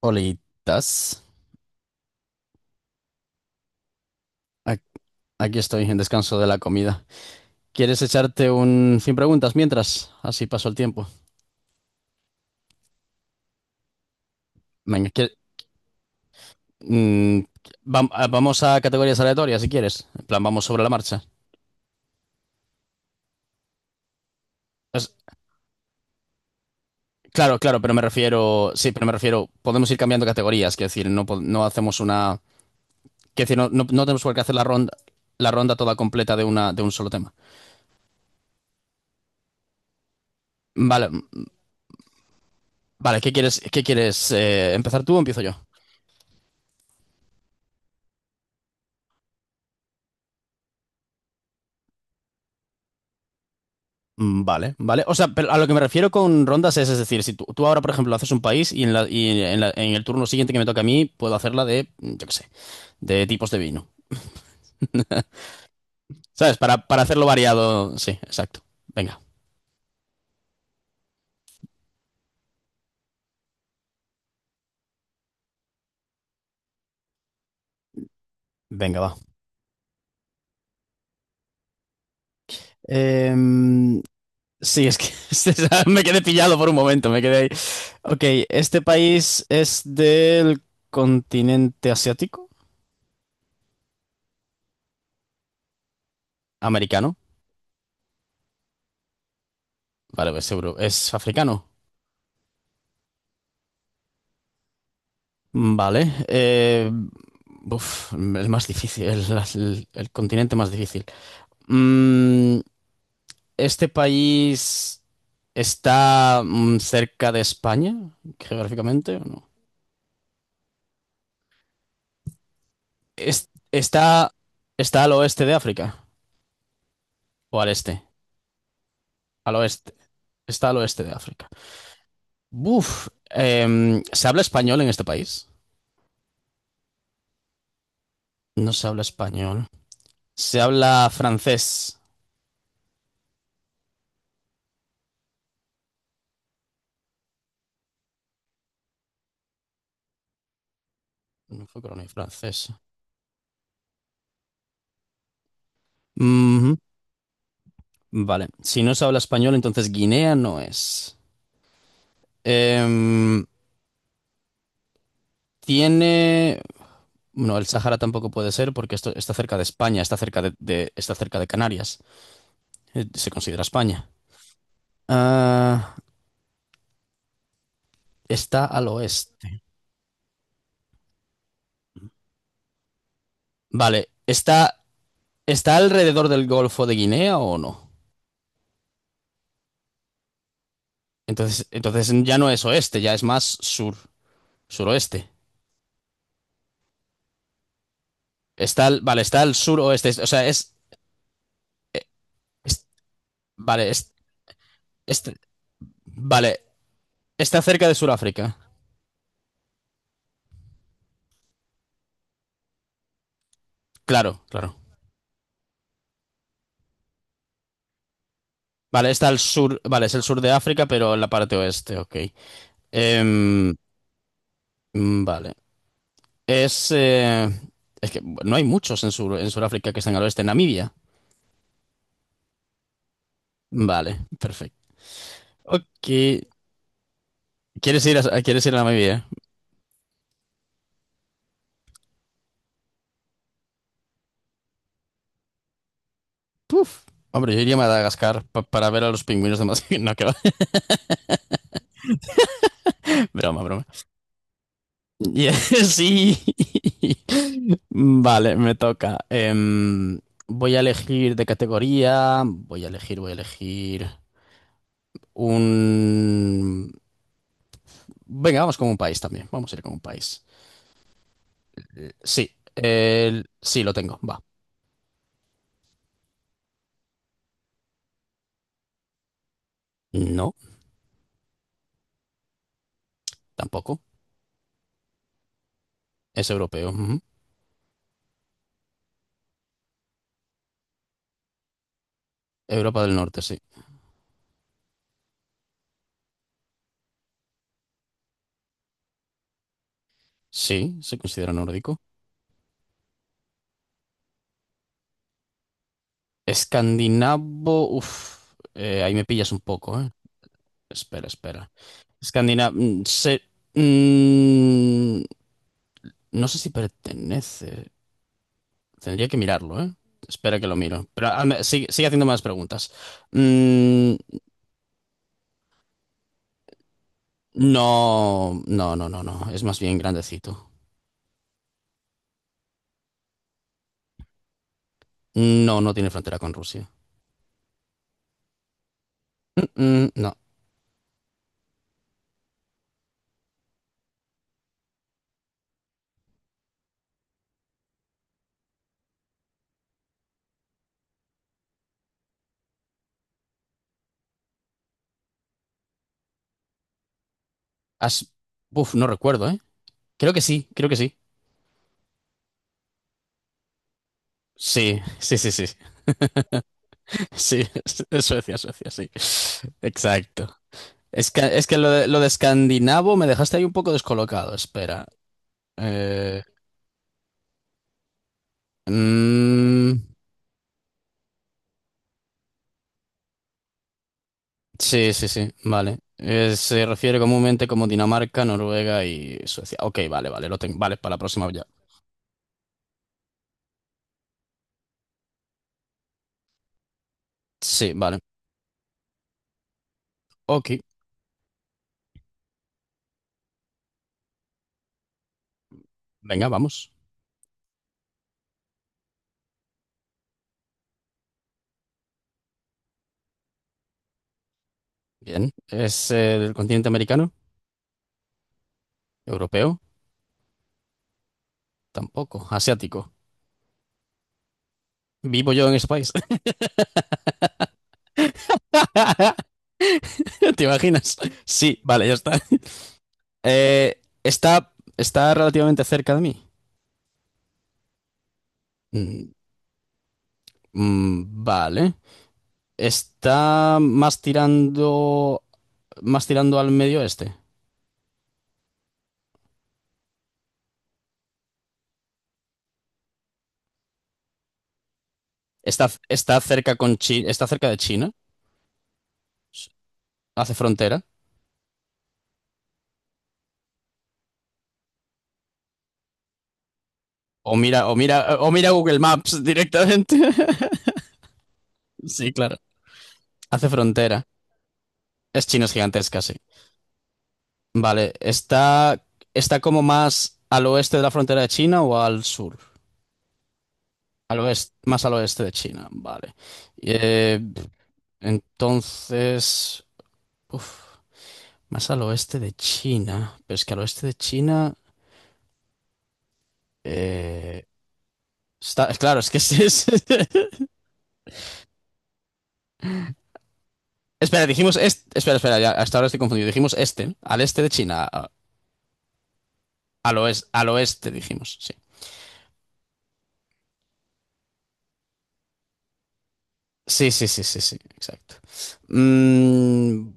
Olitas. Ac- Aquí estoy en descanso de la comida. ¿Quieres echarte un sin preguntas mientras? Así paso el tiempo. Venga, mm, vamos a categorías aleatorias si quieres. En plan, vamos sobre la marcha. Es- claro, claro, pero me refiero. Sí, pero me refiero. Podemos ir cambiando categorías. Quiero decir, no, no hacemos una. Quiero decir, no, no tenemos por qué hacer la ronda toda completa de una, de un solo tema. Vale, vale, ¿qué quieres, qué quieres? ¿Empezar tú o empiezo yo? Mm, vale, vale. O sea, pero a lo que me refiero con rondas es decir, si tú ahora, por ejemplo, haces un país y, en el turno siguiente que me toca a mí, puedo hacerla de, yo qué sé, de tipos de vino. ¿Sabes? Para hacerlo variado. Sí, exacto. Venga, venga, va. Em, sí, es que me quedé pillado por un momento, me quedé ahí. Ok, ¿este país es del continente asiático? ¿Americano? Vale, pues seguro. ¿Es africano? Vale. Uf, el más difícil, el, el continente más difícil. Mm, ¿Este país está cerca de España, geográficamente o no? Es- está, ¿Está al oeste de África? ¿O al este? Al oeste. Está al oeste de África. Uf, ¿se habla español en este país? No se habla español. Se habla francés. No fue colonia francesa. Vale, si no se habla español, entonces Guinea no es. Em, Tiene... No, el Sahara tampoco puede ser porque esto está cerca de España, está cerca de Canarias. Se considera España. Ah, está al oeste. Vale, ¿está alrededor del Golfo de Guinea o no? Entonces ya no es oeste, ya es más sur, suroeste. Vale, está al suroeste, o sea, es- vale, este- vale, está cerca de Sudáfrica. Claro, claro. Vale, está al sur, vale, es el sur de África, pero en la parte oeste, ok. Em, vale. Es, eh, es que no hay muchos en Sudáfrica que están al oeste. Namibia. Vale, perfecto. Ok. ¿Quieres ir a Namibia? Hombre, yo iría a Madagascar para ver a los pingüinos de Madagascar. No, que va. Broma, broma. Y- Sí. Vale, me toca. Voy a elegir de categoría. Voy a elegir. Un... Venga, vamos con un país también. Vamos a ir con un país. Sí, sí, lo tengo. Va. No, tampoco. Es europeo. Ujú. Europa del Norte, sí. Sí, se considera nórdico. Escandinavo. Uf, ahí me pillas un poco, ¿eh? Espera, espera. Escandinavo. Se... mm, no sé si pertenece. Tendría que mirarlo, ¿eh? Espera que lo miro. Pero sigue haciendo más preguntas. Mm, no, no, no, no, no. Es más bien grandecito. No, no tiene frontera con Rusia. Mm, mm, no. As- Uf, no recuerdo, ¿eh? Creo que sí, creo que sí. Sí, sí, sí, sí. Sí, es Suecia, Suecia, sí. Exacto. Es que lo de escandinavo me dejaste ahí un poco descolocado. Espera. Eh, mm, sí, sí, sí, vale. Se refiere comúnmente como Dinamarca, Noruega y Suecia. Ok, vale, vale, lo tengo. Vale, para la próxima ya. Sí, vale. Ok. Venga, vamos. Bien. ¿Es del continente americano? ¿Europeo? Tampoco. ¿Asiático? ¿Vivo yo en ese país? ¿Te imaginas? Sí, vale, ya está. Está relativamente cerca de mí. Mm, vale. Está más tirando al medio oeste. Está cerca de China. Hace frontera. O mira, o mira, o mira Google Maps directamente. Sí, claro. Hace frontera. Es China es gigantesca, sí. Vale, ¿está como más al oeste de la frontera de China o al sur? Al oeste, más al oeste de China, vale. Eh, entonces, uf, más al oeste de China. Pero es que al oeste de China... eh, claro, es que es... Espera, dijimos... Este, espera, espera, ya, hasta ahora estoy confundido. Dijimos este, ¿no? Al este de China. Al oeste, al oeste dijimos, sí. Sí, sí, sí, sí, sí, exacto. Mm,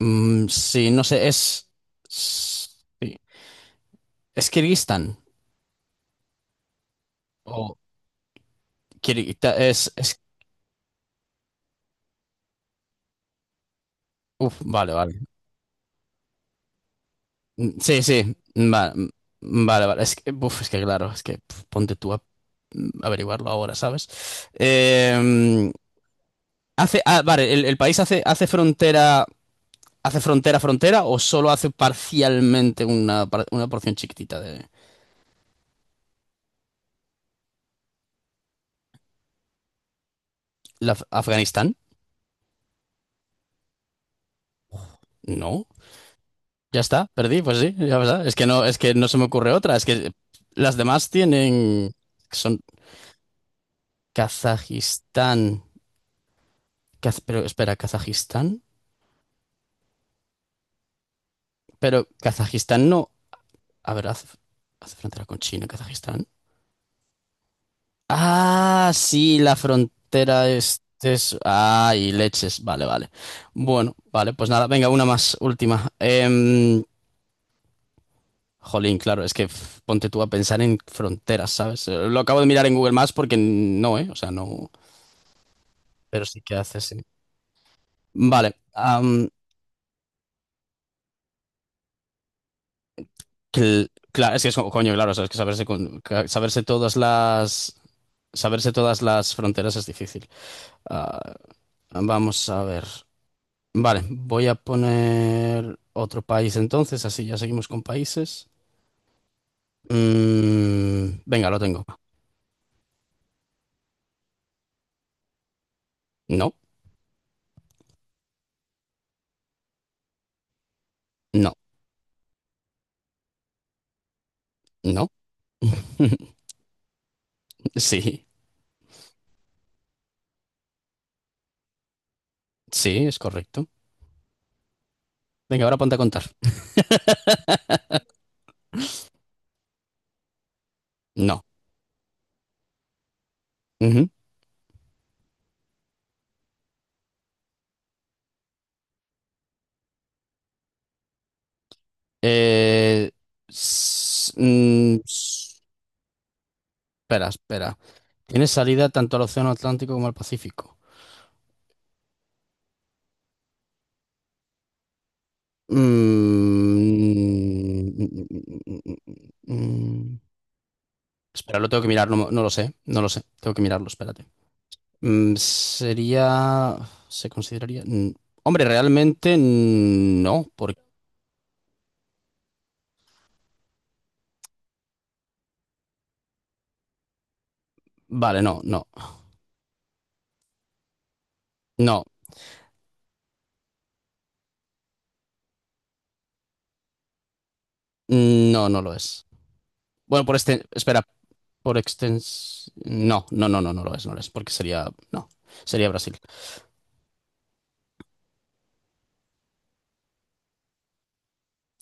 mm, sí, no sé, es. s- sí. ¿Es Kirguistán? O Kirguita- es, es- Uf, vale, vale. Mm, sí, sí. Vale, vale. Es que claro, es que pf, ponte tú a averiguarlo ahora, ¿sabes? Eh, vale, el país hace frontera. ¿Hace frontera frontera o solo hace parcialmente una, una porción chiquitita de Afganistán? No. Ya está, perdí, pues sí, ya está. Es que no se me ocurre otra. Es que las demás tienen. Son Kazajistán. Pero espera, Kazajistán. Pero Kazajistán no. A ver, hace frontera con China, Kazajistán. Ah, sí, la frontera es, ah, y leches. Vale, vale. Bueno, vale, pues nada, venga, una más, última. Jolín, claro, es que pf, ponte tú a pensar en fronteras, ¿sabes? Lo acabo de mirar en Google Maps porque no, ¿eh? O sea, no. Pero sí que hace, sí. Vale. Es que es como, coño, claro, sabes que saberse, saberse todas las fronteras es difícil. Ah, vamos a ver. Vale, voy a poner otro país entonces, así ya seguimos con países. Mm, venga, lo tengo. No, no, no. Sí, sí, es correcto. Venga, ahora ponte a contar. No. Ujú. Eh, s- mm, Espera, espera. Tiene salida tanto al Océano Atlántico como al Pacífico. Mm, mm, Espera, lo tengo que mirar, no, no lo sé, no lo sé, tengo que mirarlo, espérate. Sería, ¿se consideraría? Mm, hombre, realmente no, porque... Vale, no, no, no, no, no lo es. Bueno, por este, espera, por extens... No, no, no, no, no lo es, no lo es, porque sería, no, sería Brasil.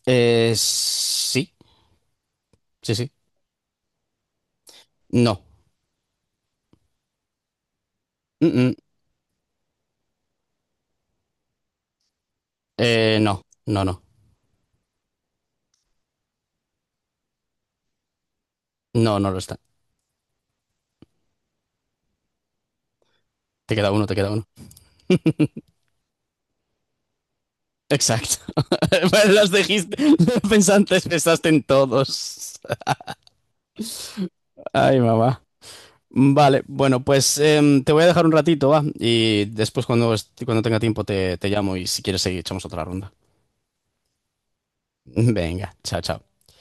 Sí, sí, sí, no. Mm, mm. No, no, no. No, no lo está. Te queda uno, te queda uno. Exacto. Los dijiste. Pensaste en todos. Ay, mamá. Vale, bueno, pues te voy a dejar un ratito, va. Y después, cuando tenga tiempo, te llamo y si quieres seguir, echamos otra ronda. Venga, chao, chao.